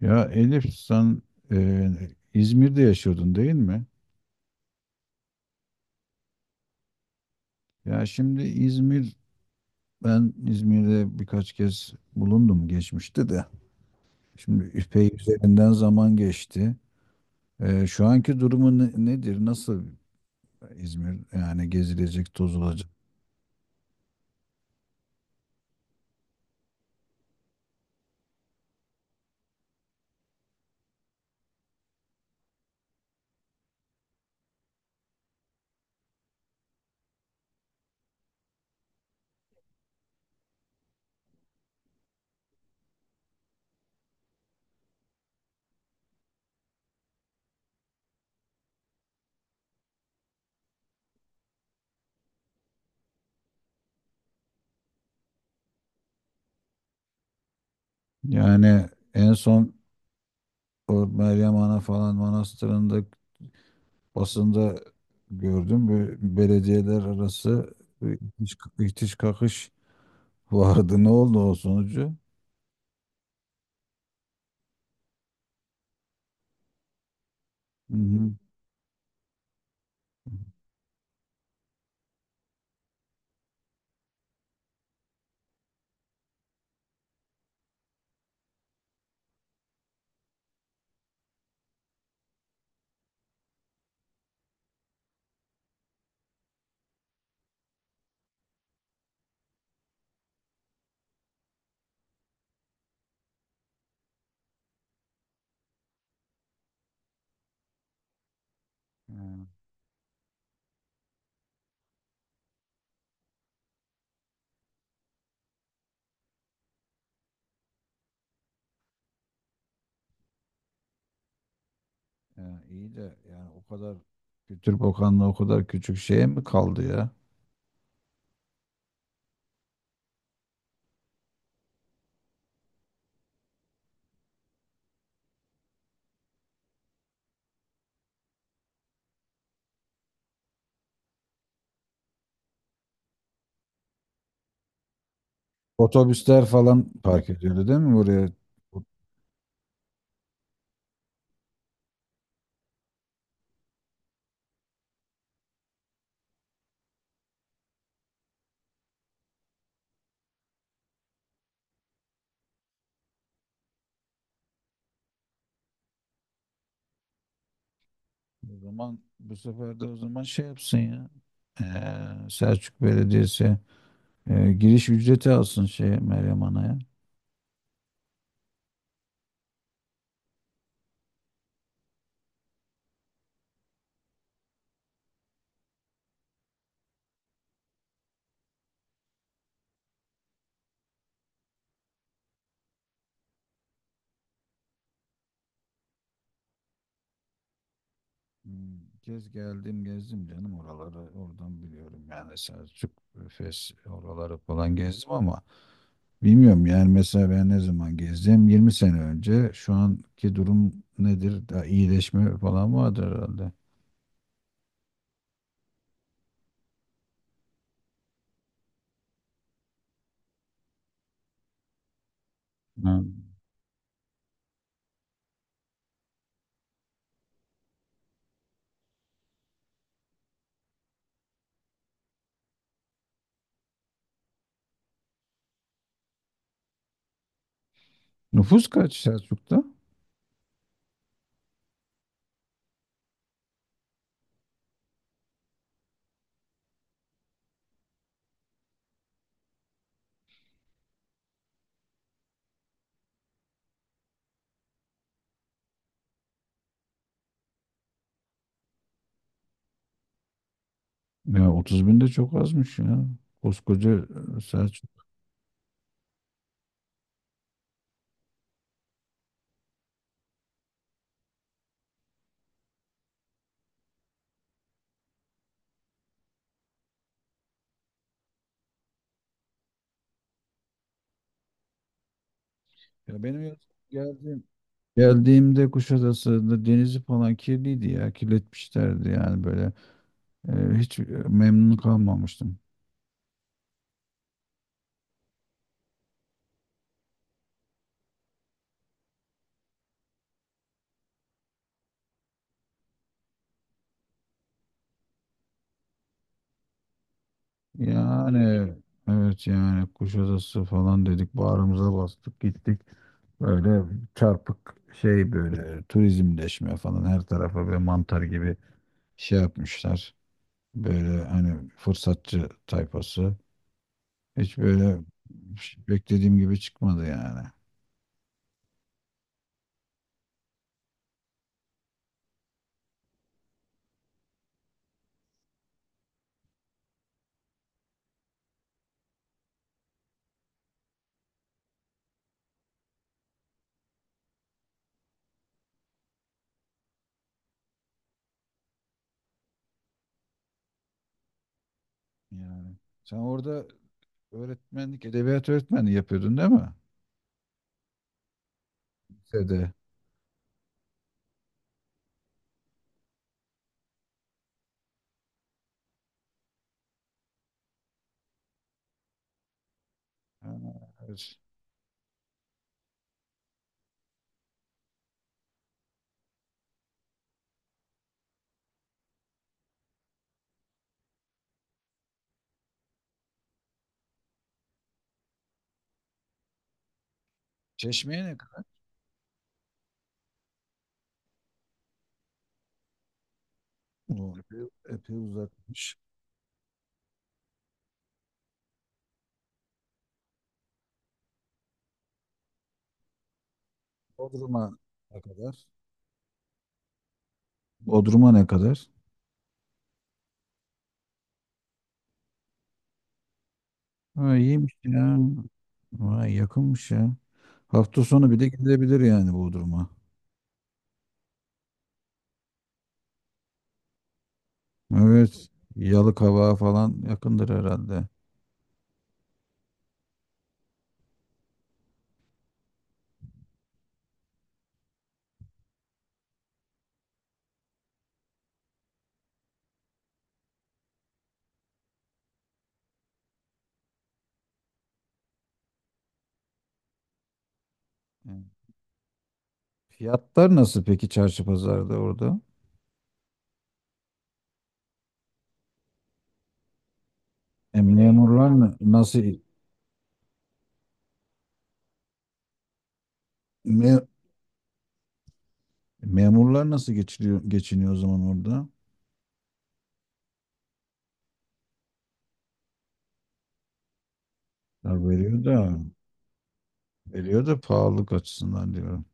Ya Elif sen e, İzmir'de yaşıyordun değil mi? Ya şimdi İzmir, ben İzmir'de birkaç kez bulundum geçmişte de. Şimdi epey üzerinden zaman geçti. Şu anki durumu nedir? Nasıl İzmir? Yani gezilecek, tozulacak. Yani en son o Meryem Ana falan manastırında basında gördüm. Böyle belediyeler arası ihtiş kakış vardı. Ne oldu o sonucu? Hı hı. Yani, yani iyi de yani o kadar Kültür Bakanlığı o kadar küçük şeye mi kaldı ya? Otobüsler falan park ediyordu değil mi buraya? O O zaman bu sefer de o zaman şey yapsın ya. Selçuk Belediyesi giriş ücreti alsın şey Meryem Ana'ya. Hmm, Kez geldim gezdim canım oraları oradan biliyorum yani Selçuk Efes oraları falan gezdim ama bilmiyorum yani mesela ben ne zaman gezdim? 20 sene önce. Şu anki durum nedir? Daha iyileşme falan vardır herhalde. Ha. Nüfus kaç Selçuk'ta? Ya 30 bin de çok azmış ya. Koskoca Selçuk. Ya benim ya- geldiğim geldiğimde Kuşadası'nda denizi falan kirliydi ya. Kirletmişlerdi yani böyle. Ee, hiç memnun kalmamıştım. Yani evet yani Kuşadası falan dedik bağrımıza bastık gittik. Böyle çarpık şey böyle turizmleşme falan her tarafa böyle mantar gibi şey yapmışlar. Böyle hani fırsatçı tayfası. Hiç böyle beklediğim gibi çıkmadı yani. Yani sen orada öğretmenlik, edebiyat öğretmenliği yapıyordun değil mi? Lisede. Ha, evet. Çeşmeye ne... O epey, epey uzakmış. Bodrum'a ne kadar? Bodrum'a ne kadar? Ha, iyiymiş ya. Vay yakınmış ya. Hafta sonu bir de gidilebilir yani Bodrum'a. Evet. Yalıkavak'a falan yakındır herhalde. Evet. Fiyatlar nasıl peki çarşı pazarda orada? E, memurlar nasıl me- memurlar nasıl geçiniyor o zaman orada? Ya veriyor da veriyor da pahalılık açısından diyorum.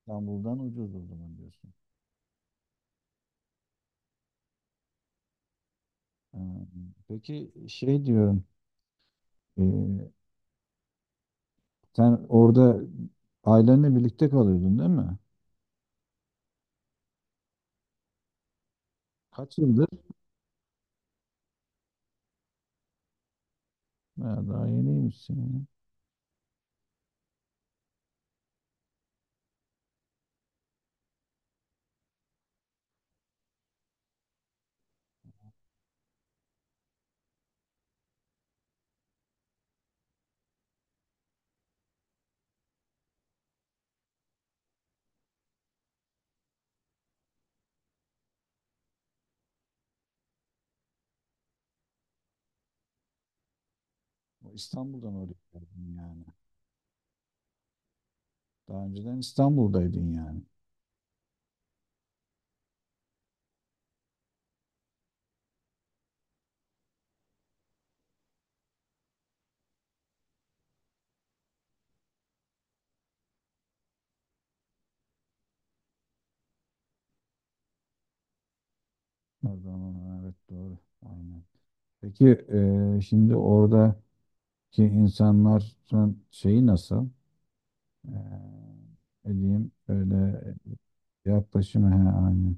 İstanbul'dan ucuz o zaman diyorsun. Ee, Peki şey diyorum, ee, sen orada ailenle birlikte kalıyordun değil mi? Kaç yıldır? Ha, daha yeniymişsin. Ya, İstanbul'dan oraya geldin yani. Daha önceden İstanbul'daydın yani. O zaman evet doğru. Aynen. Peki şimdi oradaki insanlar şeyi nasıl? Ee, ne diyeyim öyle yaklaşımı he, aynen.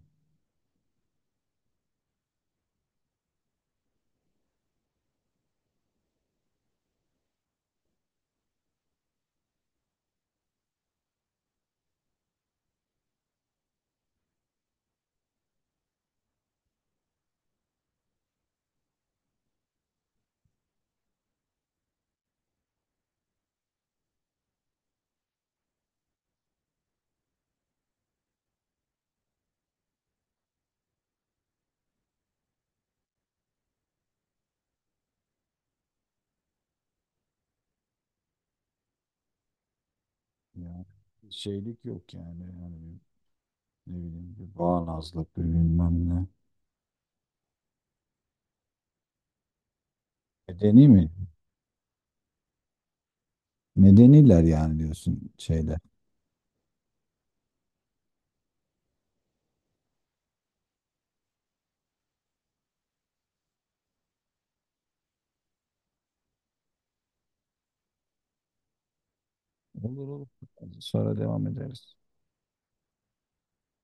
Yani şeylik yok yani. Yani ne bileyim bir bağnazlık bir bilmem ne. Medeni mi? Medeniler yani diyorsun şeyler. Olur olur. Sonra devam ederiz.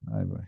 Bay bay.